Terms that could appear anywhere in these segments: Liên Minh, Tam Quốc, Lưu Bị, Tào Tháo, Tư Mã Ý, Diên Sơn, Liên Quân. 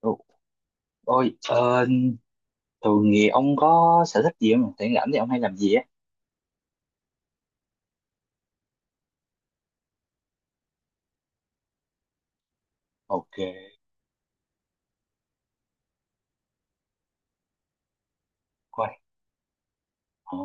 Ồ. Ôi, thường thì ông có sở thích gì không? Rảnh rảnh thì ông hay làm gì á? Ok, quay. Ờ,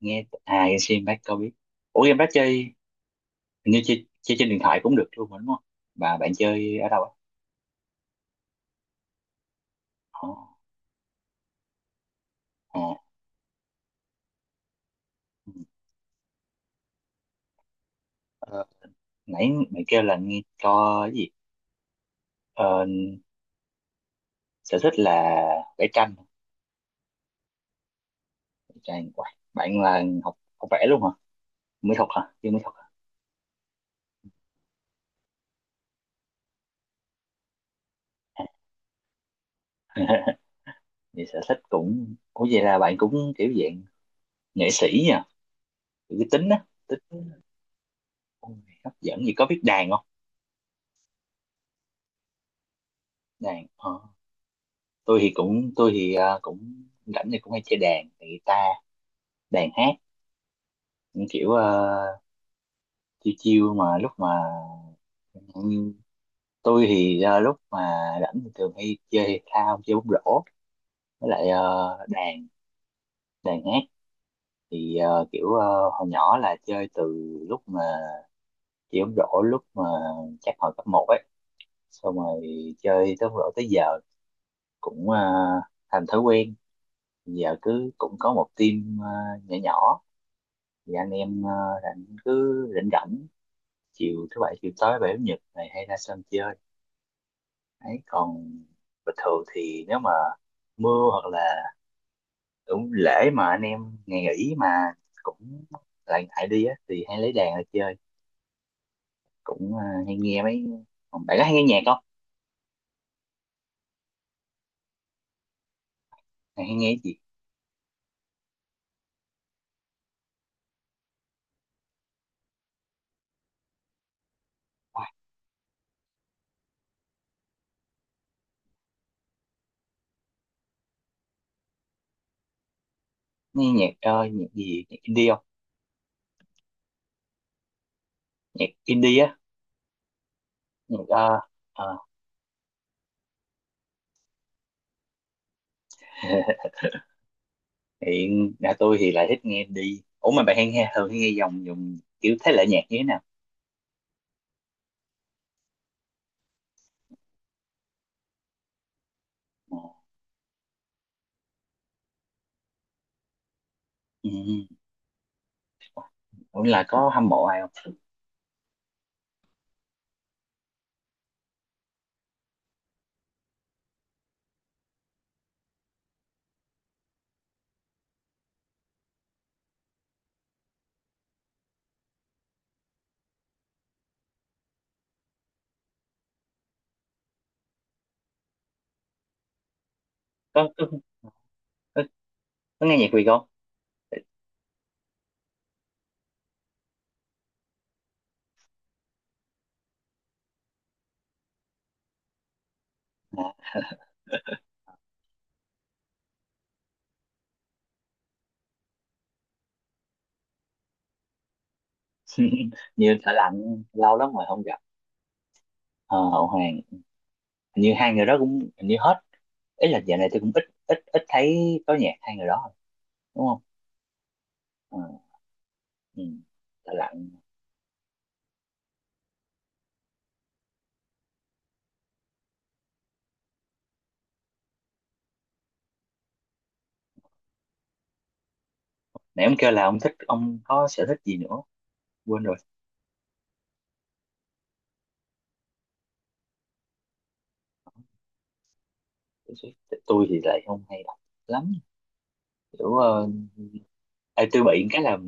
Nghe à game xem bác có biết. Ủa game bác chơi hình như chơi trên điện thoại cũng được luôn mà đúng không? Bà bạn chơi ở đâu á? Ờ, à, ừ. Ờ, Nãy mày kêu là nghe cho cái gì? Ờ, Sở thích là vẽ tranh. Vẽ tranh. Uầy, bạn là học học vẽ luôn hả? Mỹ thuật hả? Chưa mỹ thuật hả? Vậy sở thích cũng Ủa vậy là bạn cũng kiểu dạng nghệ sĩ nha, cái tính á. Ôi, hấp dẫn gì, có biết đàn không? đàn ờ, tôi thì cũng rảnh thì cũng hay chơi đàn, thì guitar, đàn hát, những kiểu, chiêu chiêu mà lúc mà, như tôi thì, lúc mà rảnh thì thường hay chơi thể thao, chơi bóng rổ, với lại đàn đàn hát, thì kiểu hồi nhỏ là chơi từ lúc mà chơi bóng rổ, lúc mà chắc hồi cấp một ấy, xong rồi chơi tới bóng rổ tới giờ, cũng thành thói quen. Giờ cứ cũng có một team nhỏ nhỏ thì anh em, rảnh cứ rảnh rảnh chiều thứ bảy, chiều tối bảy, chủ nhật này hay ra sân chơi ấy. Còn bình thường thì nếu mà mưa, hoặc là cũng lễ mà anh em ngày nghỉ, mà cũng lại ngại đi á, thì hay lấy đàn ra chơi, cũng hay nghe mấy. Còn bạn có hay nghe nhạc không? Bạn hay nghe cái gì? À, nghe nhạc, nhạc gì, nhạc indie không? Nhạc indie á? Nhạc ờ, ờ. Hiện nhà tôi thì lại thích nghe đi, ủa, mà bạn hay nghe, thường hay nghe dòng, dùng kiểu thể loại nhạc như thế nào? Ờ, ừ. Ừ. Ủa là có hâm mộ ai không? Có, có, có. Có nghe nhạc Việt không? À. Như thợ lạnh lâu lắm rồi không gặp. Ờ, Hậu Hoàng. Hình như hai người đó cũng, hình như hết, ý là dạo này tôi cũng ít, ít ít thấy có nhạc hai người đó rồi, đúng không? Ờ, ừ. Thở lặng. Nãy ông kêu là ông có sở thích gì nữa, quên rồi. Tôi tôi thì lại không hay đọc lắm, kiểu, ê, tôi bị cái là,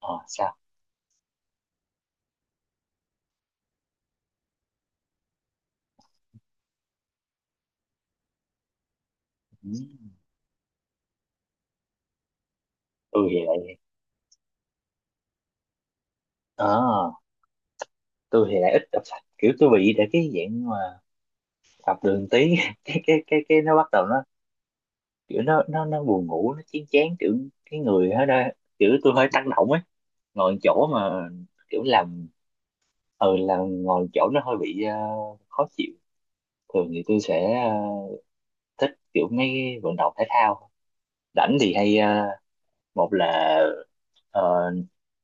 ờ sao, ừ. tôi thì lại ờ tôi thì lại ít tập sách, kiểu tôi bị để cái dạng mà tập đường tí. Cái nó bắt đầu nó kiểu, nó nó buồn ngủ, nó chán chán, kiểu cái người hết đó, kiểu tôi hơi tăng động ấy, ngồi chỗ mà kiểu làm, ừ, làm ngồi chỗ nó hơi bị khó chịu. Thường thì tôi sẽ, thích kiểu mấy vận động thể thao. Rảnh thì hay, một là, ờ,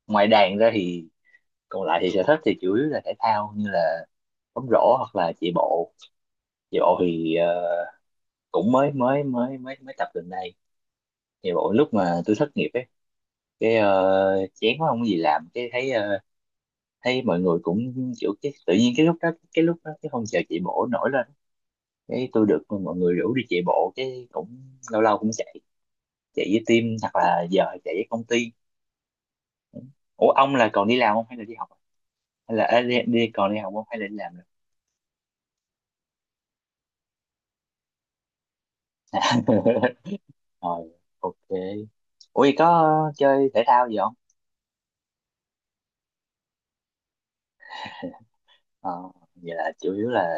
ngoài đàn ra thì còn lại thì sở thích thì chủ yếu là thể thao, như là bóng rổ hoặc là chạy bộ. Về bộ thì, cũng mới mới mới mới mới tập gần đây. Về bộ lúc mà tôi thất nghiệp ấy, cái, chán quá không có gì làm, cái thấy, thấy mọi người cũng kiểu, cái tự nhiên cái lúc đó, cái lúc đó cái phong trào chạy bộ nổi lên. Cái tôi được mọi người rủ đi chạy bộ, cái cũng lâu lâu cũng chạy chạy với team, hoặc là giờ chạy với công ty. Ủa ông là còn đi làm không hay là đi học? Hay là ê, đi còn đi học không hay là đi làm? Rồi. Rồi, ok. Ủa vậy có chơi thể thao gì không? Ờ, Vậy là chủ yếu là,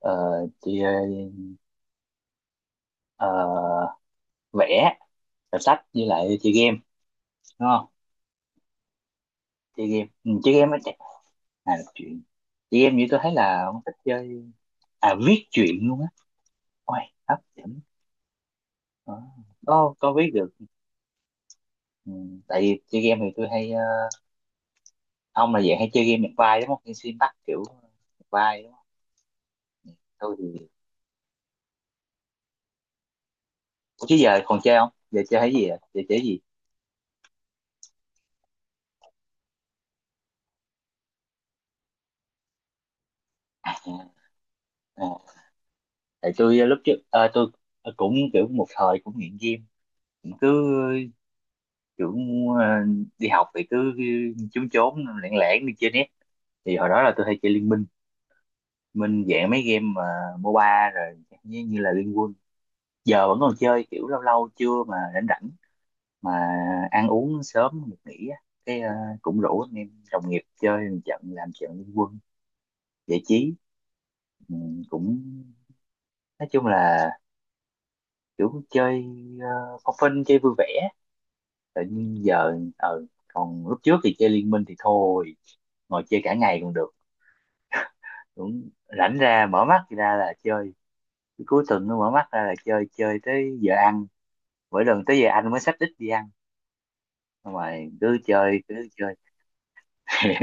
Ờ, chị, ờ, vẽ, đọc sách với lại chơi game, đúng không? Chơi game, ừ, chơi game á chắc, à, đọc truyện. Chơi game, như tôi thấy là ông thích chơi. À, viết truyện luôn á? Ôi, hấp dẫn. Ờ, có viết được, ừ, tại vì chơi game thì tôi hay, ông là dạng hay chơi game nhập vai đúng không, hay xuyên bắt kiểu nhập vai đúng không? Tôi thì, ủa chứ giờ còn chơi không, giờ chơi cái gì, à giờ chơi cái gì? À, à, tại tôi lúc trước, tôi cũng kiểu một thời cũng nghiện game, cũng cứ kiểu, ờ, đi học thì cứ trốn trốn lẻn lẻn đi chơi net. Thì hồi đó là tôi hay chơi Liên Minh, Minh dạng mấy game mà MOBA rồi, như là Liên Quân. Giờ vẫn còn chơi kiểu lâu lâu trưa mà rảnh rảnh, mà ăn uống sớm được nghỉ á, cái, cũng rủ anh em đồng nghiệp chơi một trận, làm trận Liên Quân giải trí. Ừ, cũng nói chung là kiểu chơi, phong phanh chơi vui vẻ. Tự nhiên giờ, còn lúc trước thì chơi Liên Minh thì thôi, ngồi chơi cả ngày còn được, cũng rảnh ra mở mắt ra là chơi. Cái cuối tuần nó mở mắt ra là chơi, chơi tới giờ ăn, mỗi lần tới giờ ăn mới xách ít đi ăn. Xong rồi cứ chơi cứ chơi.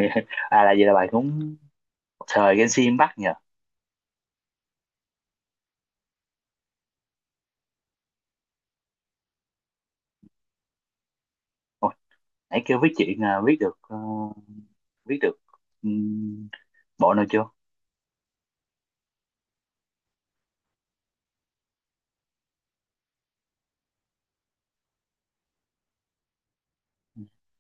À là vậy là bạn cũng một thời game sim bắt nhờ. Ôi, nãy kêu với chị à, biết được, biết được, ừm, bộ nào chưa?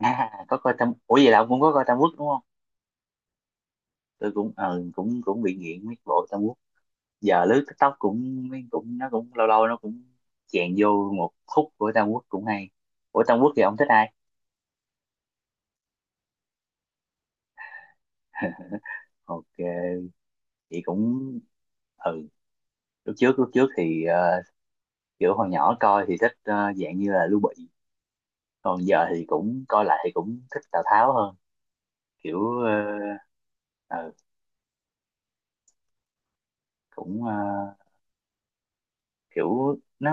À, có coi Tam ủa vậy là ông cũng có coi Tam Quốc đúng không? Tôi cũng ờ, cũng cũng bị nghiện mấy bộ Tam Quốc. Giờ lướt TikTok cũng, nó cũng lâu lâu nó cũng chèn vô một khúc của Tam Quốc cũng hay. Của Tam Quốc thì ông thích ai? Ok, chị cũng, ừ, lúc trước thì, kiểu hồi nhỏ coi thì thích, dạng như là Lưu Bị, còn giờ thì cũng coi lại thì cũng thích Tào Tháo hơn, kiểu, ờ, cũng, kiểu nó,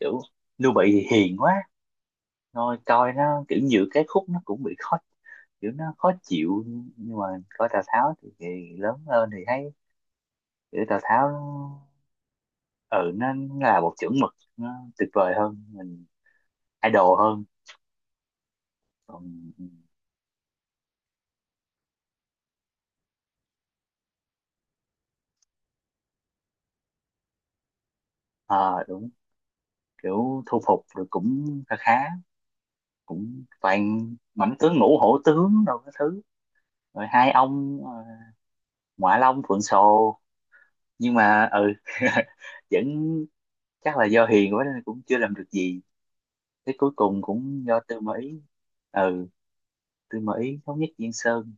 kiểu Lưu Bị thì hiền quá. Thôi coi nó kiểu nhiều cái khúc nó cũng bị khó, kiểu nó khó chịu, nhưng mà coi Tào Tháo thì, lớn hơn thì thấy kiểu Tào Tháo nó, ừ nó là một chuẩn mực, nó tuyệt vời hơn mình, idol hơn. Còn, ờ, đúng, kiểu thu phục rồi cũng khá khá, cũng toàn mãnh tướng ngũ hổ tướng đâu cái thứ, rồi hai ông, Ngoại Long Phượng Sồ nhưng mà ừ. Vẫn, chắc là do hiền quá nên cũng chưa làm được gì, thế cuối cùng cũng do Tư Mã Ý. Ừ, Tư Mã Ý thống nhất Diên Sơn,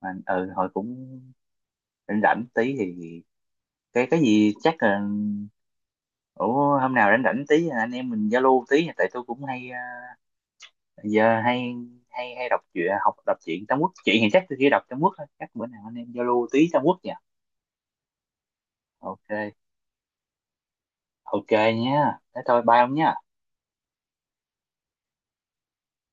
mà ừ hồi cũng rảnh rảnh tí thì, cái gì chắc là, ủa hôm nào rảnh rảnh tí anh em mình giao lưu tí, tại tôi cũng hay, giờ hay, hay đọc truyện, học đọc truyện Trung Quốc, chuyện thì chắc tôi chỉ đọc Trung Quốc thôi, chắc bữa nào anh em giao lưu tí Trung Quốc nha. Ok, ok nhé, thế thôi bye ông nhé.